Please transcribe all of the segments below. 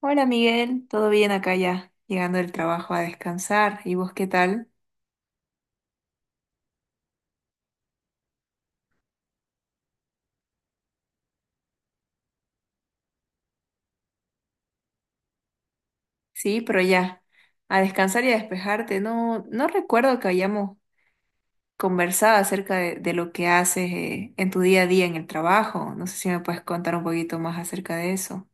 Hola Miguel, ¿todo bien acá ya? Llegando del trabajo a descansar. ¿Y vos qué tal? Sí, pero ya, a descansar y a despejarte. No, no recuerdo que hayamos conversado acerca de lo que haces en tu día a día en el trabajo. No sé si me puedes contar un poquito más acerca de eso.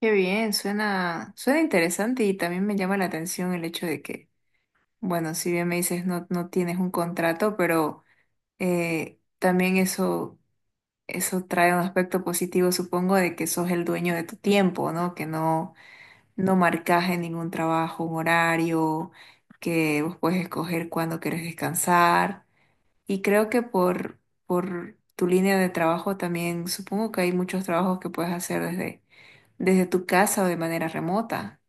Qué bien, suena interesante y también me llama la atención el hecho de que, bueno, si bien me dices no, no tienes un contrato, pero también eso. Eso trae un aspecto positivo, supongo, de que sos el dueño de tu tiempo, ¿no? Que no, no marcas en ningún trabajo un horario, que vos puedes escoger cuándo querés descansar. Y creo que por tu línea de trabajo también, supongo que hay muchos trabajos que puedes hacer desde tu casa o de manera remota.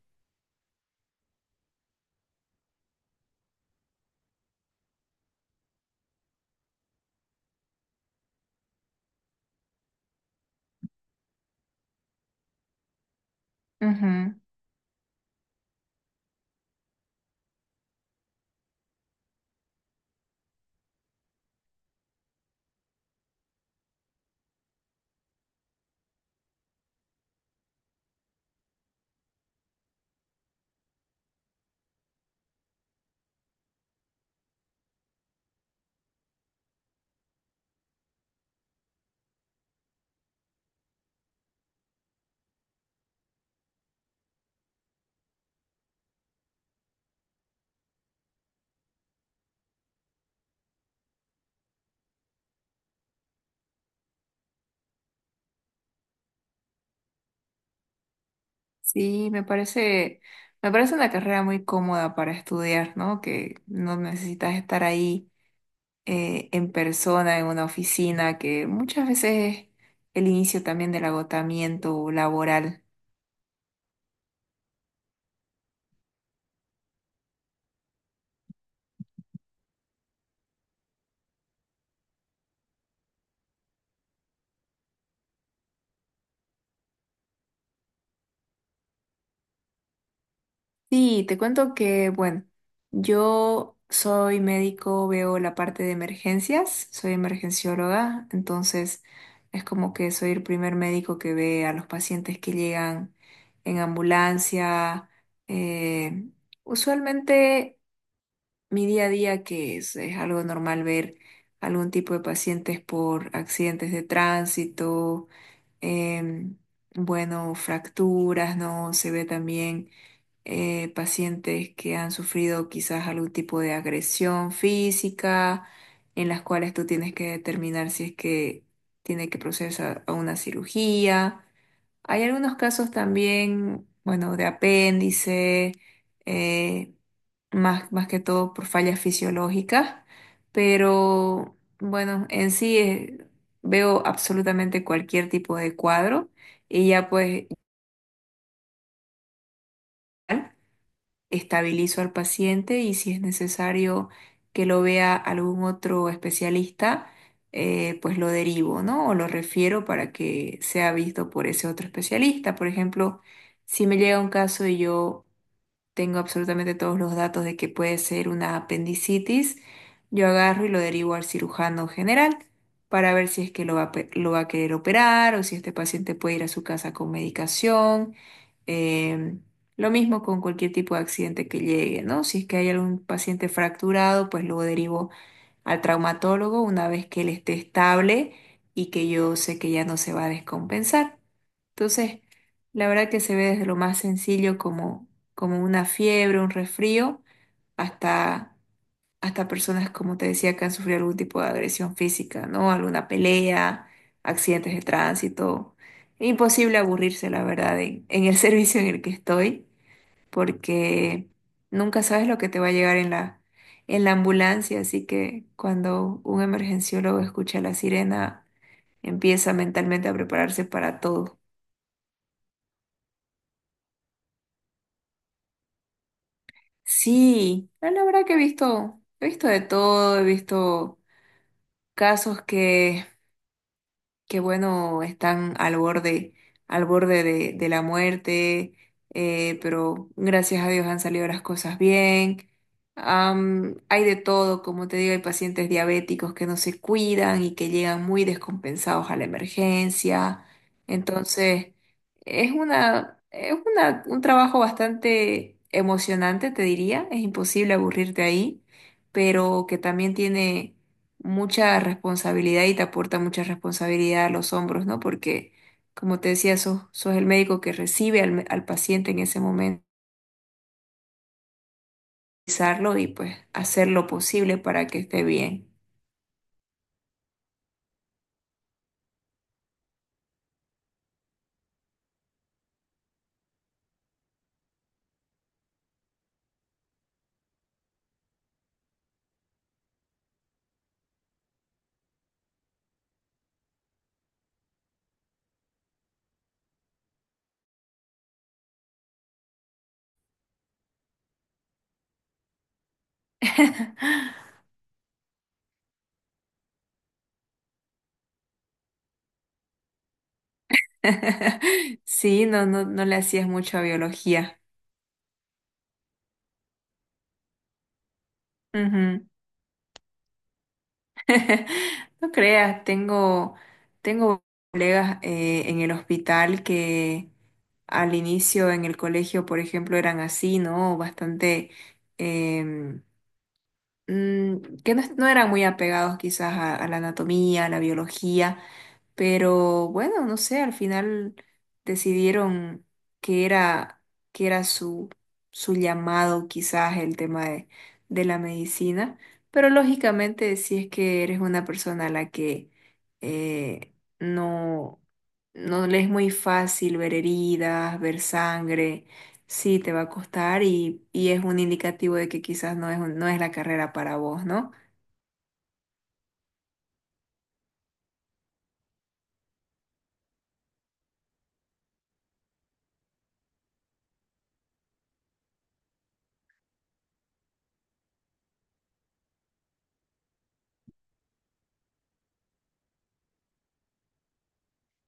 Ujú. Sí, me parece una carrera muy cómoda para estudiar, ¿no? Que no necesitas estar ahí en persona, en una oficina, que muchas veces es el inicio también del agotamiento laboral. Sí, te cuento que, bueno, yo soy médico, veo la parte de emergencias, soy emergencióloga, entonces es como que soy el primer médico que ve a los pacientes que llegan en ambulancia. eh, Usualmente mi día a día, que es algo normal ver algún tipo de pacientes por accidentes de tránsito, em, bueno, fracturas, ¿no? Se ve también pacientes que han sufrido quizás algún tipo de agresión física, en las cuales tú tienes que determinar si es que tiene que proceder a una cirugía. Hay algunos casos también, bueno, de apéndice. eh, Más, más que todo por fallas fisiológicas, pero bueno, en sí veo absolutamente cualquier tipo de cuadro y ya pues estabilizo al paciente y si es necesario que lo vea algún otro especialista, pues lo derivo, ¿no? O lo refiero para que sea visto por ese otro especialista. Por ejemplo, si me llega un caso y yo tengo absolutamente todos los datos de que puede ser una apendicitis, yo agarro y lo derivo al cirujano general para ver si es que lo va a querer operar o si este paciente puede ir a su casa con medicación. Em, lo mismo con cualquier tipo de accidente que llegue, ¿no? Si es que hay algún paciente fracturado, pues lo derivo al traumatólogo una vez que él esté estable y que yo sé que ya no se va a descompensar. Entonces, la verdad que se ve desde lo más sencillo como una fiebre, un resfrío, hasta, hasta personas, como te decía, que han sufrido algún tipo de agresión física, ¿no? Alguna pelea, accidentes de tránsito. Imposible aburrirse, la verdad, en el servicio en el que estoy porque nunca sabes lo que te va a llegar en en la ambulancia, así que cuando un emergenciólogo escucha la sirena, empieza mentalmente a prepararse para todo. Sí, no, la verdad que he visto de todo, he visto casos que qué bueno, están al borde de la muerte, pero gracias a Dios han salido las cosas bien. Am, hay de todo, como te digo, hay pacientes diabéticos que no se cuidan y que llegan muy descompensados a la emergencia. Entonces, un trabajo bastante emocionante, te diría. Es imposible aburrirte ahí, pero que también tiene mucha responsabilidad y te aporta mucha responsabilidad a los hombros, ¿no? Porque, como te decía, sos el médico que recibe al paciente en ese momento revisarlo y pues hacer lo posible para que esté bien. Sí, no, no, no le hacías mucho a biología. Ujú. No creas, tengo colegas en el hospital que al inicio en el colegio, por ejemplo, eran así, ¿no? Bastante em, que no, no eran muy apegados quizás a la anatomía, a la biología, pero bueno, no sé, al final decidieron que era, que era su llamado, quizás el tema de la medicina. Pero lógicamente, si es que eres una persona a la que eh, no, no le es muy fácil ver heridas, ver sangre, sí te va a costar y es un indicativo de que quizás no es la carrera para vos, ¿no?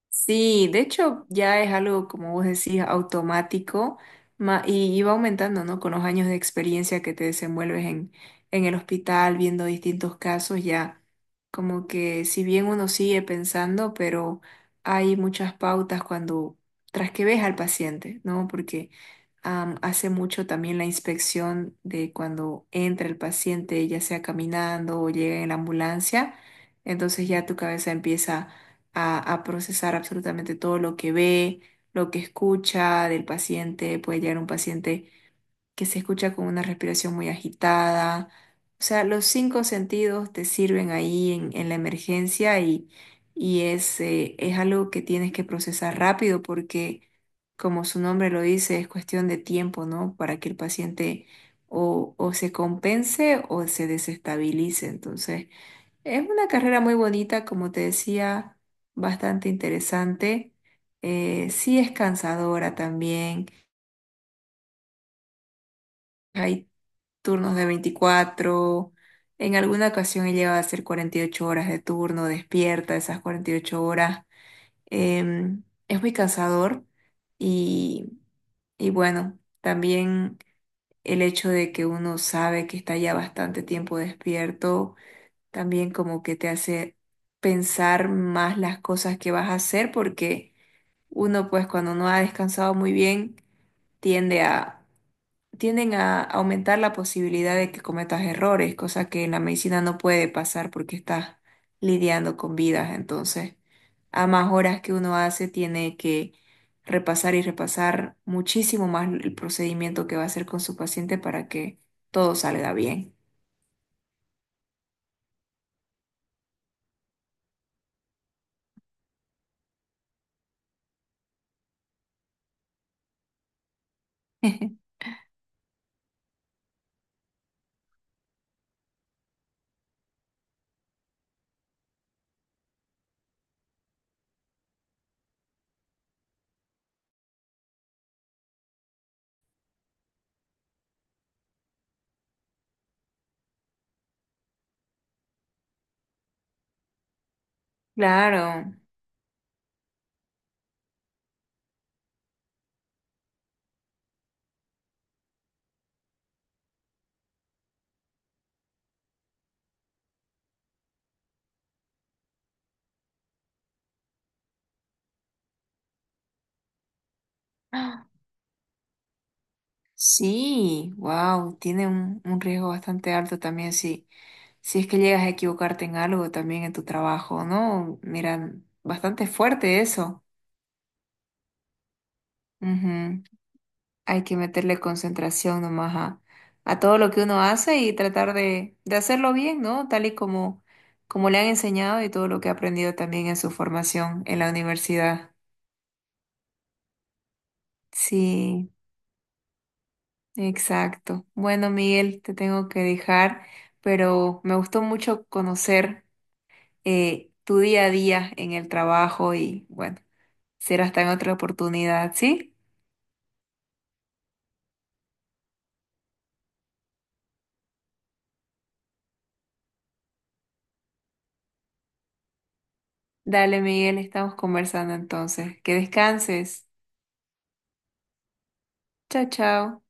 Sí, de hecho ya es algo, como vos decís, automático y va aumentando, ¿no? Con los años de experiencia que te desenvuelves en el hospital, viendo distintos casos, ya como que si bien uno sigue pensando, pero hay muchas pautas cuando, tras que ves al paciente, ¿no? Porque am, hace mucho también la inspección de cuando entra el paciente, ya sea caminando o llega en la ambulancia, entonces ya tu cabeza empieza a procesar absolutamente todo lo que ve, lo que escucha del paciente. Puede llegar un paciente que se escucha con una respiración muy agitada. O sea, los 5 sentidos te sirven ahí en la emergencia y es algo que tienes que procesar rápido porque, como su nombre lo dice, es cuestión de tiempo, ¿no? Para que el paciente o se compense o se desestabilice. Entonces, es una carrera muy bonita, como te decía, bastante interesante. Sí es cansadora también. Hay turnos de 24. En alguna ocasión he llegado a hacer 48 horas de turno, despierta esas 48 horas. Em, es muy cansador y, y bueno, también el hecho de que uno sabe que está ya bastante tiempo despierto también como que te hace pensar más las cosas que vas a hacer porque uno pues cuando no ha descansado muy bien tiende a tienden a aumentar la posibilidad de que cometas errores, cosa que en la medicina no puede pasar porque estás lidiando con vidas, entonces a más horas que uno hace tiene que repasar y repasar muchísimo más el procedimiento que va a hacer con su paciente para que todo salga bien. Claro. Sí, wow, tiene un riesgo bastante alto también si, si es que llegas a equivocarte en algo también en tu trabajo, ¿no? Mira, bastante fuerte eso. Ujú. Hay que meterle concentración nomás a todo lo que uno hace y tratar de hacerlo bien, ¿no? Tal y como, como le han enseñado y todo lo que ha aprendido también en su formación en la universidad. Sí, exacto. Bueno, Miguel, te tengo que dejar pero me gustó mucho conocer tu día a día en el trabajo y bueno, será hasta en otra oportunidad, ¿sí? Dale, Miguel, estamos conversando entonces. Que descanses. Chao, chao.